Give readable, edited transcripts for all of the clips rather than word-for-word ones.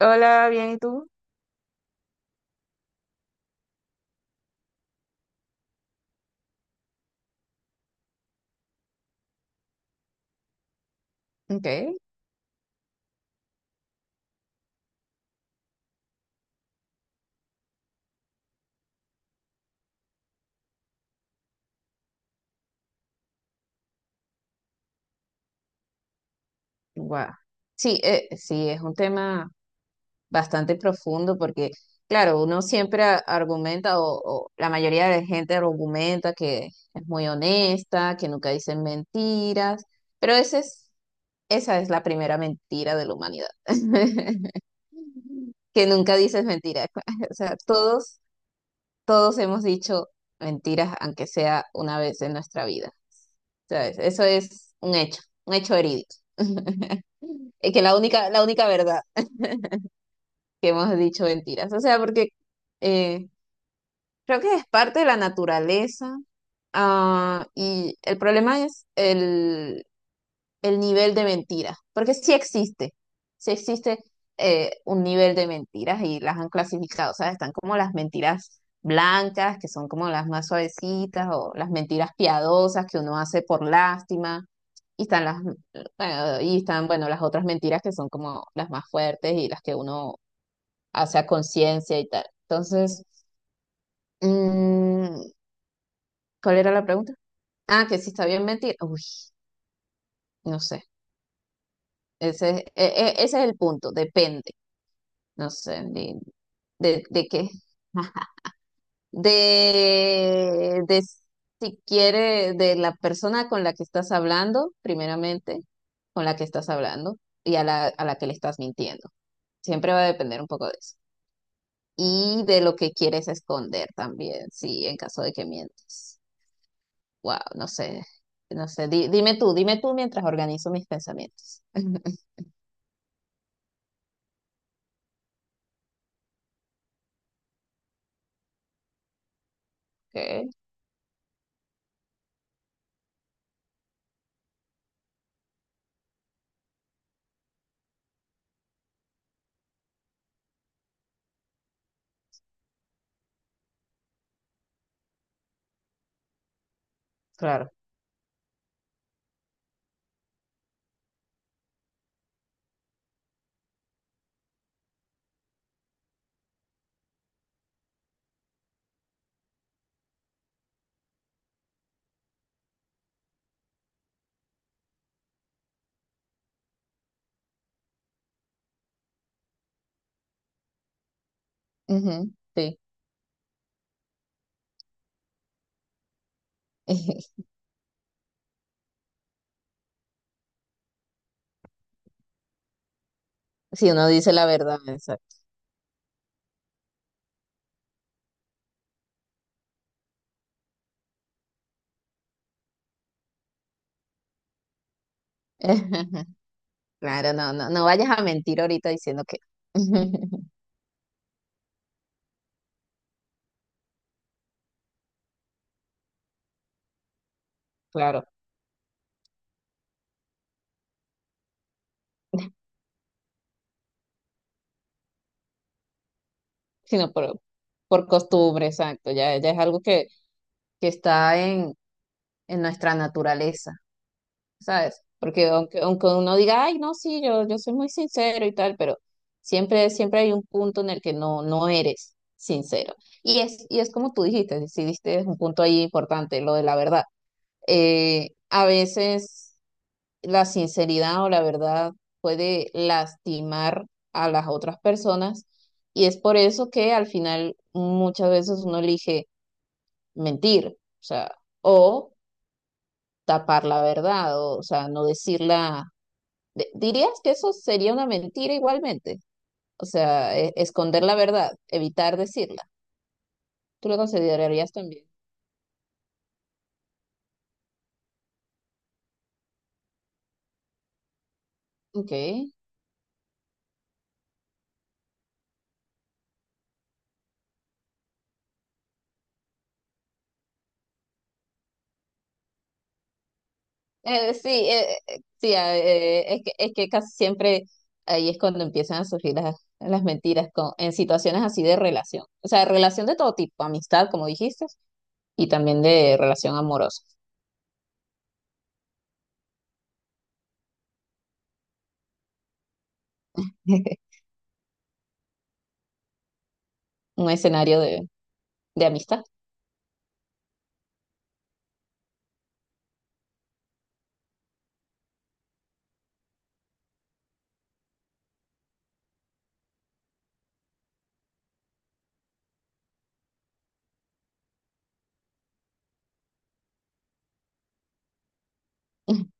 Hola, bien, ¿y tú? Ok, guau. Sí, sí, es un tema bastante profundo porque, claro, uno siempre argumenta o la mayoría de gente argumenta que es muy honesta, que nunca dicen mentiras, pero esa es la primera mentira de la humanidad, que nunca dices mentiras. O sea, todos hemos dicho mentiras, aunque sea una vez en nuestra vida. ¿Sabes? Eso es un hecho verídico. Es que la única verdad que hemos dicho mentiras. O sea, porque eh, creo que es parte de la naturaleza. Y el problema es el nivel de mentiras. Porque sí existe. Sí existe un nivel de mentiras y las han clasificado. O sea, están como las mentiras blancas, que son como las más suavecitas, o las mentiras piadosas que uno hace por lástima. Y están las, bueno, y están, bueno, las otras mentiras que son como las más fuertes y las que uno o sea, conciencia y tal. Entonces, mm, ¿cuál era la pregunta? Ah, que si está bien mentir. Uy, no sé. Ese es el punto, depende. No sé, de qué. De si quiere, de la persona con la que estás hablando, primeramente, con la que estás hablando y a la que le estás mintiendo. Siempre va a depender un poco de eso. Y de lo que quieres esconder también, sí, en caso de que mientas. Wow, no sé, no sé. Dime tú mientras organizo mis pensamientos. Okay, claro. Ujú, sí. Si uno dice la verdad, exacto. Claro, no vayas a mentir ahorita diciendo que. Claro, sino por costumbre, exacto. Ya es algo que está en nuestra naturaleza. ¿Sabes? Porque aunque uno diga, ay, no, sí, yo soy muy sincero y tal, pero siempre hay un punto en el que no eres sincero. Y es como tú dijiste, si diste un punto ahí importante, lo de la verdad. A veces la sinceridad o la verdad puede lastimar a las otras personas y es por eso que al final muchas veces uno elige mentir, o sea, o tapar la verdad, o sea, no decirla ¿Dirías que eso sería una mentira igualmente? O sea, esconder la verdad, evitar decirla. ¿Tú lo considerarías también? Ok. Sí, es que casi siempre ahí es cuando empiezan a surgir las mentiras con, en situaciones así de relación. O sea, relación de todo tipo, amistad, como dijiste, y también de relación amorosa. Un escenario de amistad.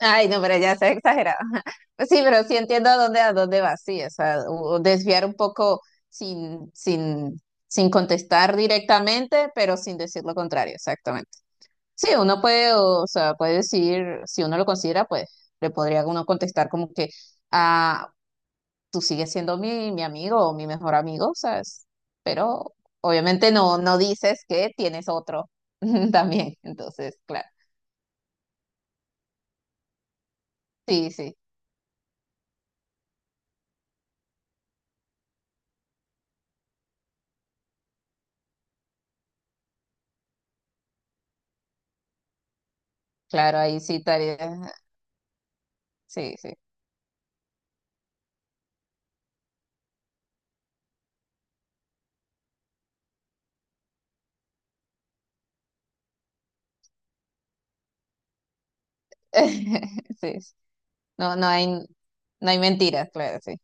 Ay, no, pero ya se exagerado. Pues sí, pero sí entiendo a dónde vas, sí, o sea, o desviar un poco sin, sin, sin contestar directamente, pero sin decir lo contrario, exactamente. Sí, uno puede, o sea, puede decir, si uno lo considera, pues le podría uno contestar como que, ah, tú sigues siendo mi amigo o mi mejor amigo, ¿sabes? Pero obviamente no dices que tienes otro también, entonces, claro, sí, sí, claro, ahí sí estaría, sí, sí. Sí, sí. No, no hay, no hay mentiras, claro, sí.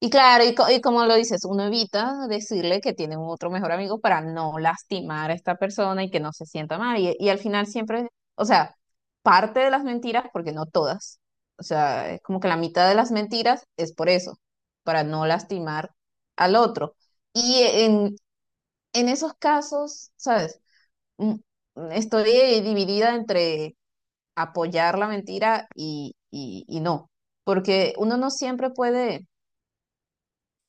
Y claro, y como lo dices, uno evita decirle que tiene un otro mejor amigo para no lastimar a esta persona y que no se sienta mal. Y al final siempre, o sea, parte de las mentiras, porque no todas, o sea, es como que la mitad de las mentiras es por eso, para no lastimar al otro. Y en, en esos casos, ¿sabes? Mm, estoy dividida entre apoyar la mentira y no, porque uno no siempre puede,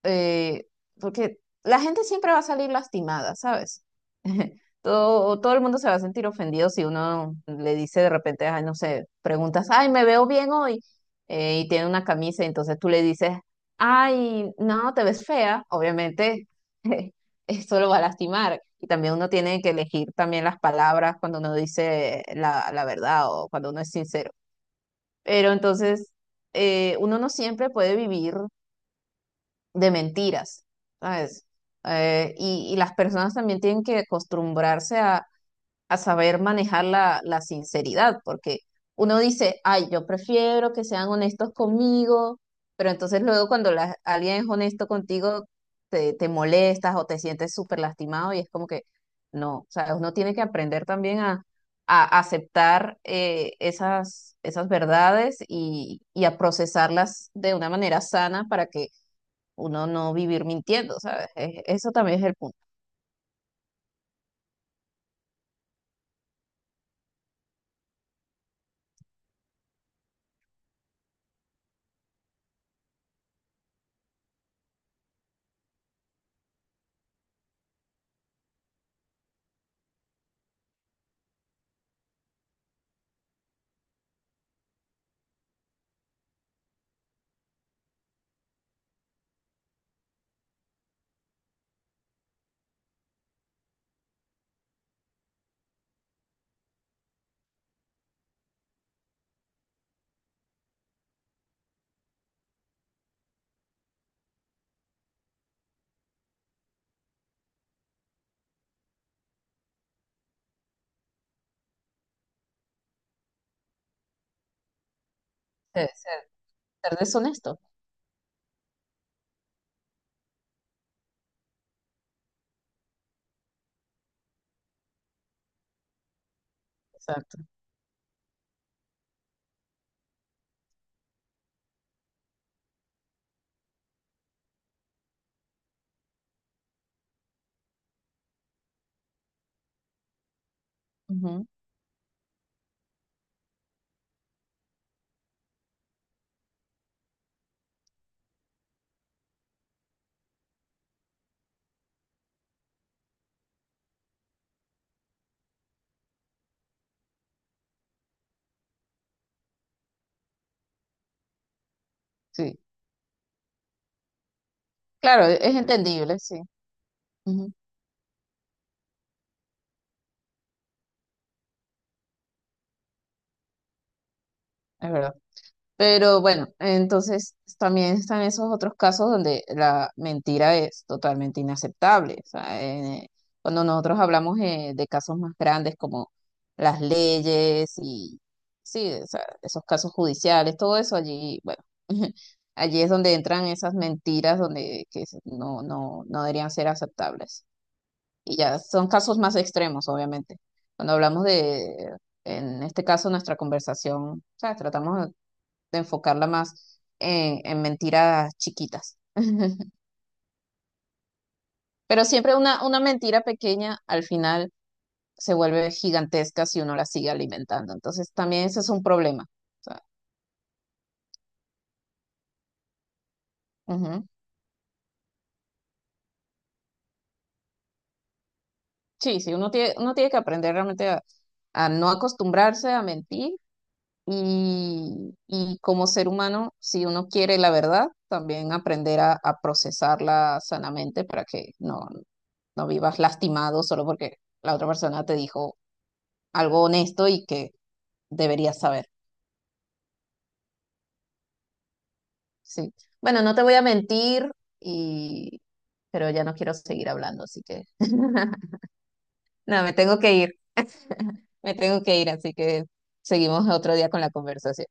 eh, porque la gente siempre va a salir lastimada, ¿sabes? Todo el mundo se va a sentir ofendido si uno le dice de repente, ay, no sé, preguntas, ay, me veo bien hoy, y tiene una camisa, y entonces tú le dices, ay, no, te ves fea, obviamente. Eso lo va a lastimar. Y también uno tiene que elegir también las palabras cuando uno dice la verdad o cuando uno es sincero. Pero entonces, uno no siempre puede vivir de mentiras, ¿sabes? Y las personas también tienen que acostumbrarse a saber manejar la sinceridad, porque uno dice, ay, yo prefiero que sean honestos conmigo, pero entonces luego cuando alguien es honesto contigo, te molestas o te sientes súper lastimado y es como que, no, o sea, uno tiene que aprender también a aceptar esas verdades y a procesarlas de una manera sana para que uno no vivir mintiendo, ¿sabes? Eso también es el punto, ser, ser- ser deshonesto. Exacto. Ujú. Sí. Claro, es entendible, sí, ujú, es verdad. Pero bueno, entonces también están esos otros casos donde la mentira es totalmente inaceptable. O sea, cuando nosotros hablamos de casos más grandes como las leyes y sí, o sea, esos casos judiciales, todo eso allí, bueno, allí es donde entran esas mentiras donde no, no, no deberían ser aceptables. Y ya, son casos más extremos, obviamente. Cuando hablamos de, en este caso, nuestra conversación, ¿sabes? Tratamos de enfocarla más en mentiras chiquitas. Pero siempre una mentira pequeña al final se vuelve gigantesca si uno la sigue alimentando. Entonces, también ese es un problema. O sea, ujú. Sí, sí, uno tiene que aprender realmente a no acostumbrarse a mentir. Y como ser humano, si uno quiere la verdad, también aprender a procesarla sanamente para que no, no vivas lastimado solo porque la otra persona te dijo algo honesto y que deberías saber. Sí. Bueno, no te voy a mentir, y... pero ya no quiero seguir hablando, así que no, me tengo que ir, me tengo que ir, así que seguimos otro día con la conversación.